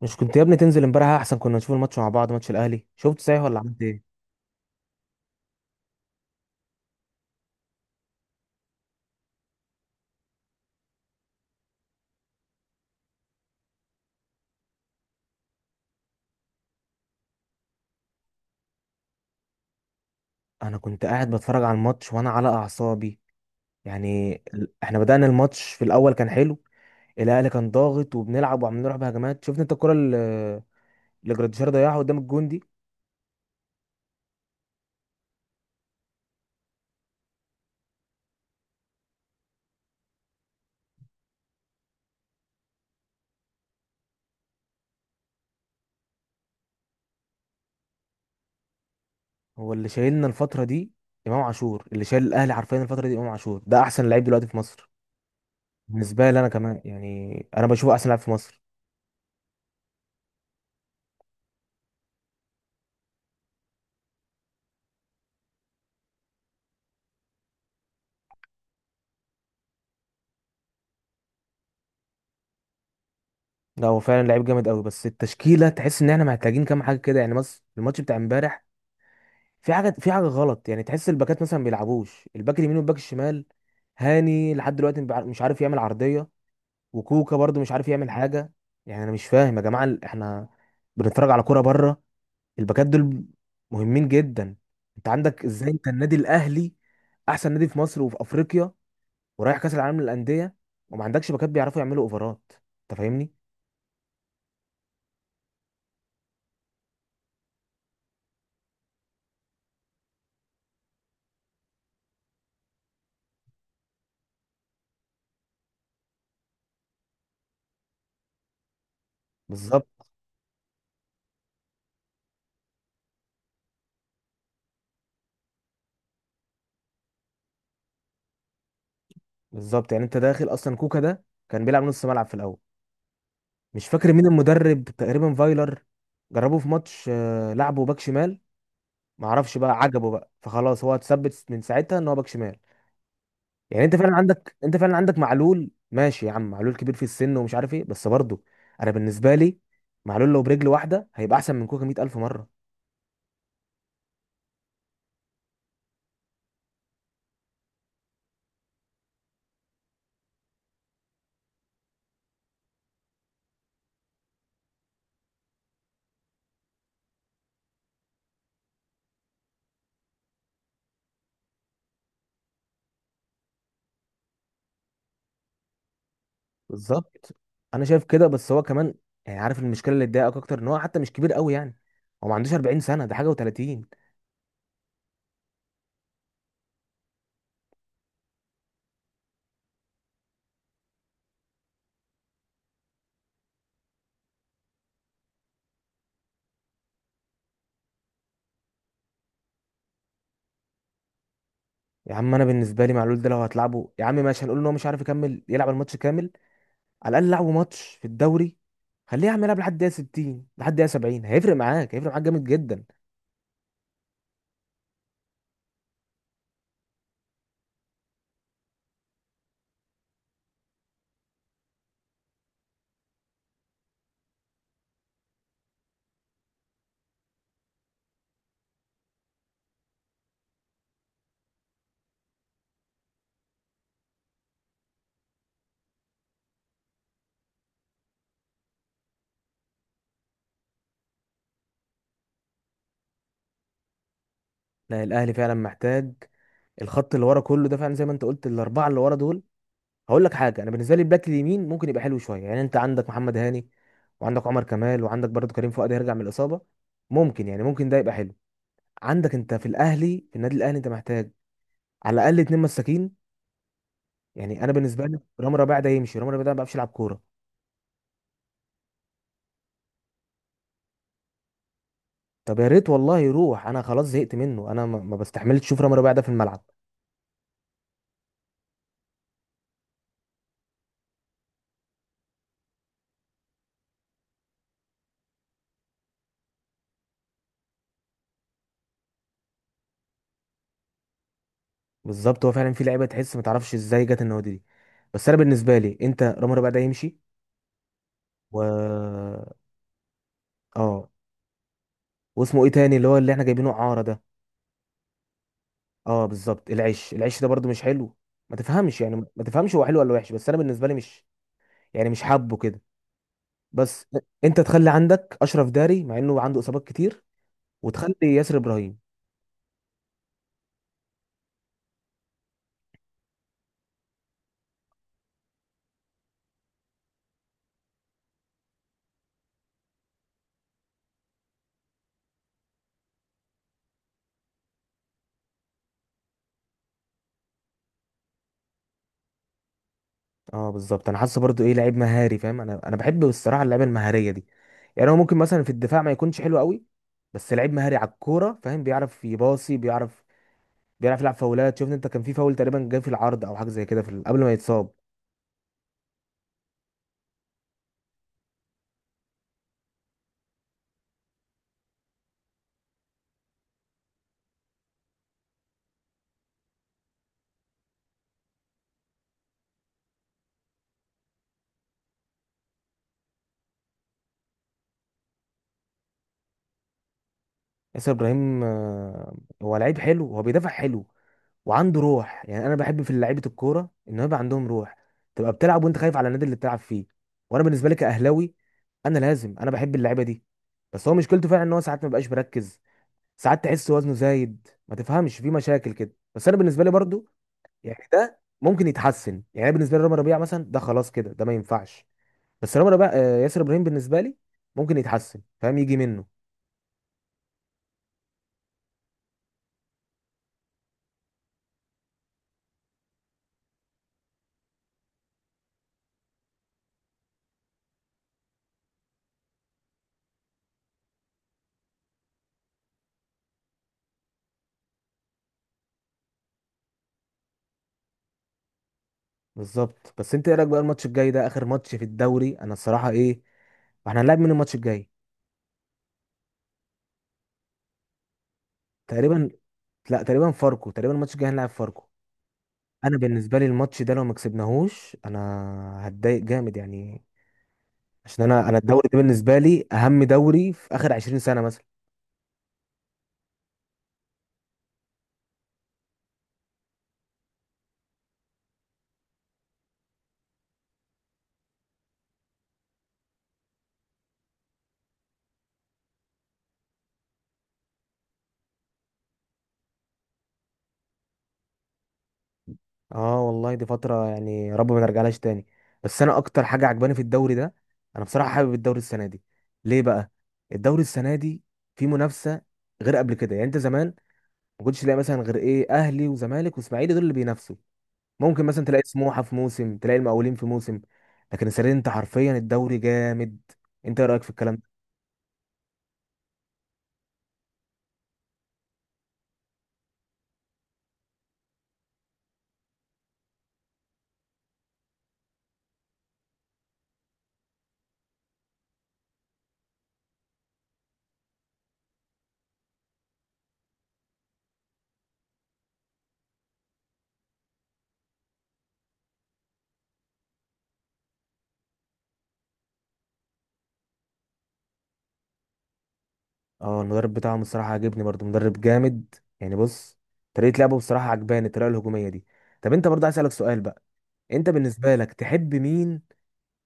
مش كنت يا ابني تنزل امبارح؟ احسن كنا نشوف الماتش مع بعض، ماتش الاهلي. شفت، صحيح، ولا عملت ايه؟ انا كنت قاعد بتفرج على الماتش وانا على اعصابي. يعني احنا بدأنا الماتش، في الاول كان حلو. الاهلي كان ضاغط وبنلعب وعمالين نروح بهجمات. شفت انت الكرة اللي جراديشار ضيعها قدام الجون دي؟ هو اللي شايلنا الفترة دي، امام عاشور اللي شايل الاهلي حرفيا الفترة دي. امام عاشور ده احسن لعيب دلوقتي في مصر. بالنسبة لي انا كمان، يعني انا بشوفه احسن لاعب في مصر. لا، هو فعلا لعيب جامد قوي، بس التشكيلة تحس ان احنا محتاجين كام حاجة كده يعني. بس الماتش بتاع امبارح في حاجه غلط يعني. تحس الباكات مثلا ما بيلعبوش، الباك اليمين والباك الشمال. هاني لحد دلوقتي مش عارف يعمل عرضيه. وكوكا برضو مش عارف يعمل حاجه. يعني انا مش فاهم يا جماعه، احنا بنتفرج على كوره بره، الباكات دول مهمين جدا. انت عندك ازاي انت النادي الاهلي، احسن نادي في مصر وفي افريقيا، ورايح كاس العالم للانديه، وما عندكش باكات بيعرفوا يعملوا اوفرات؟ انت فاهمني. بالظبط. بالظبط، يعني انت داخل اصلا كوكا ده كان بيلعب نص ملعب في الاول. مش فاكر مين المدرب، تقريبا فايلر. جربوه في ماتش، لعبه باك شمال. معرفش بقى، عجبه بقى، فخلاص هو اتثبت من ساعتها ان هو باك شمال. يعني انت فعلا عندك معلول. ماشي يا عم، معلول كبير في السن ومش عارف ايه، بس برضه انا بالنسبه لي معلول لو برجل واحده هيبقى احسن من كوكا 100,000 مره. بالظبط. انا شايف كده، بس هو كمان يعني، عارف المشكله اللي اتضايقك اكتر ان هو حتى مش كبير قوي يعني، هو ما عندوش 40 سنه، ده حاجه، و30. يا عم انا بالنسبه لي معلول ده لو هتلعبه يا عم ماشي، هنقول ان هو مش عارف يكمل يلعب الماتش كامل. على الاقل لعبوا ماتش في الدوري، خليه يعمل يلعب لحد دقيقه 60، لحد دقيقه 70، هيفرق معاك جامد جدا. لا، الاهلي فعلا محتاج الخط اللي ورا كله ده. فعلا زي ما انت قلت، الاربعه اللي ورا دول. هقول لك حاجه، انا بالنسبه لي الباك اليمين ممكن يبقى حلو شويه، يعني انت عندك محمد هاني، وعندك عمر كمال، وعندك برضه كريم فؤاد هيرجع من الاصابه، ممكن، يعني ممكن ده يبقى حلو. عندك انت في الاهلي، في النادي الاهلي انت محتاج على الاقل اتنين مساكين. يعني انا بالنسبه لي رامي ربيعه ده يمشي، رامي ربيعه ده ما بيعرفش يلعب كوره. طب يا ريت والله يروح، انا خلاص زهقت منه، انا ما بستحملش اشوف رامي ربيعه ده في الملعب. بالظبط، هو فعلا في لعيبه تحس ما تعرفش ازاي جت النوادي دي. بس انا بالنسبه لي انت، رامي ربيعه ده يمشي، و اه واسمه ايه تاني اللي هو اللي احنا جايبينه اعاره ده؟ اه بالظبط، العش ده برضو مش حلو، ما تفهمش، هو حلو ولا وحش، بس انا بالنسبه لي مش حابه كده، بس انت تخلي عندك اشرف داري مع انه عنده اصابات كتير، وتخلي ياسر ابراهيم. اه بالظبط، انا حاسه برضو ايه، لعيب مهاري فاهم. انا بحب الصراحه اللعيبه المهاريه دي. يعني هو ممكن مثلا في الدفاع ما يكونش حلو قوي، بس لعيب مهاري على الكوره فاهم، بيعرف يباصي، بيعرف يلعب فاولات. شفت انت، كان في فاول تقريبا جاي في العرض او حاجه زي كده، في قبل ما يتصاب. ياسر ابراهيم، هو لعيب حلو، هو بيدافع حلو وعنده روح. يعني انا بحب في لعيبه الكوره ان هو يبقى عندهم روح، تبقى بتلعب وانت خايف على النادي اللي بتلعب فيه، وانا بالنسبه لي كاهلاوي، انا بحب اللعيبه دي. بس هو مشكلته فعلا ان هو ساعات ما بقاش مركز، ساعات تحس وزنه زايد، ما تفهمش في مشاكل كده، بس انا بالنسبه لي برضو يعني ده ممكن يتحسن. يعني أنا بالنسبه لي رامي ربيعه مثلا ده خلاص كده، ده ما ينفعش، بس رامي ربيعه، ياسر ابراهيم بالنسبه لي ممكن يتحسن فاهم، يجي منه. بالظبط. بس انت ايه رايك بقى الماتش الجاي ده، اخر ماتش في الدوري؟ انا الصراحه ايه، احنا هنلعب من الماتش الجاي تقريبا، لا، تقريبا فاركو، تقريبا الماتش الجاي هنلعب فاركو. انا بالنسبه لي الماتش ده لو ما كسبناهوش انا هتضايق جامد يعني. عشان انا الدوري ده بالنسبه لي اهم دوري في اخر 20 سنه مثلا. اه والله، دي فترة، يعني يا رب ما نرجعلهاش تاني. بس انا اكتر حاجة عجباني في الدوري ده، انا بصراحة حابب الدوري السنة دي. ليه بقى؟ الدوري السنة دي في منافسة غير قبل كده، يعني انت زمان ما كنتش تلاقي مثلا غير ايه، اهلي وزمالك واسماعيلي، دول اللي بينافسوا. ممكن مثلا تلاقي سموحة في موسم، تلاقي المقاولين في موسم، لكن السنة دي انت حرفيا الدوري جامد. انت ايه رأيك في الكلام ده؟ اه المدرب بتاعهم الصراحة عاجبني برضو، مدرب جامد. يعني بص، طريقة لعبه بصراحة عجباني، الطريقة الهجومية دي. طب انت برضه عايز اسألك سؤال بقى، انت بالنسبه لك تحب مين؟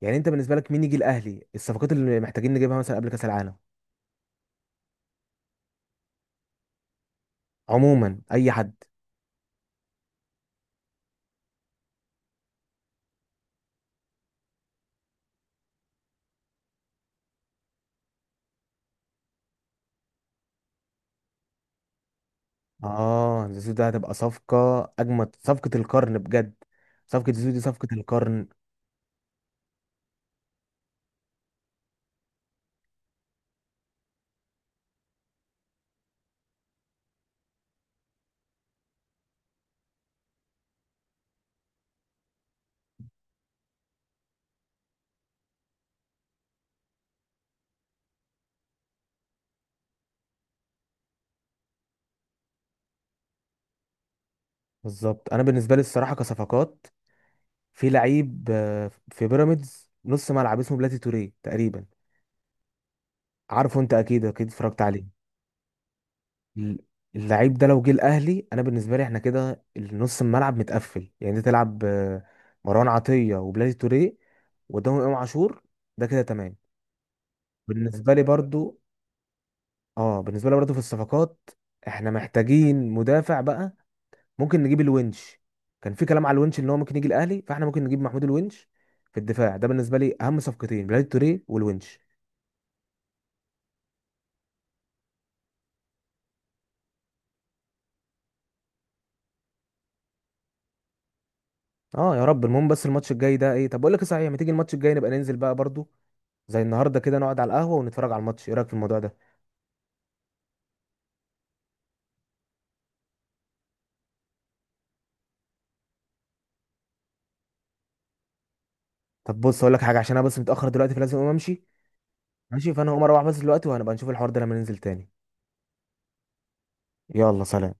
يعني انت بالنسبه لك مين يجي الاهلي، الصفقات اللي محتاجين نجيبها مثلا قبل كاس العالم؟ عموما اي حد. اه، زيزو ده هتبقى صفقه، اجمد صفقه القرن بجد، صفقه زيزو دي صفقه القرن. بالظبط. انا بالنسبه لي الصراحه كصفقات، في لعيب، في بيراميدز نص ملعب اسمه بلاتي توريه تقريبا، عارفه انت اكيد اكيد اتفرجت عليه. ال- اللعيب ده لو جه الاهلي، انا بالنسبه لي احنا كده نص الملعب متقفل، يعني انت تلعب مروان عطيه وبلاتي توريه، وقدامهم امام عاشور، ده كده تمام. بالنسبه لي برضو اه بالنسبه لي برضو في الصفقات احنا محتاجين مدافع بقى. ممكن نجيب الونش، كان في كلام على الونش ان هو ممكن يجي الاهلي، فاحنا ممكن نجيب محمود الونش في الدفاع. ده بالنسبه لي اهم صفقتين، بلاتي توريه والونش. اه يا رب، المهم بس الماتش الجاي ده ايه. طب بقول لك إيه صحيح، ما تيجي الماتش الجاي نبقى ننزل بقى برضو، زي النهارده كده، نقعد على القهوه ونتفرج على الماتش؟ ايه رايك في الموضوع ده؟ طب بص، اقول لك حاجه، عشان انا بس متاخر دلوقتي، فلازم اقوم امشي. ماشي، فانا هقوم اروح بس دلوقتي، وهنبقى نشوف الحوار ده لما ننزل تاني. يلا سلام.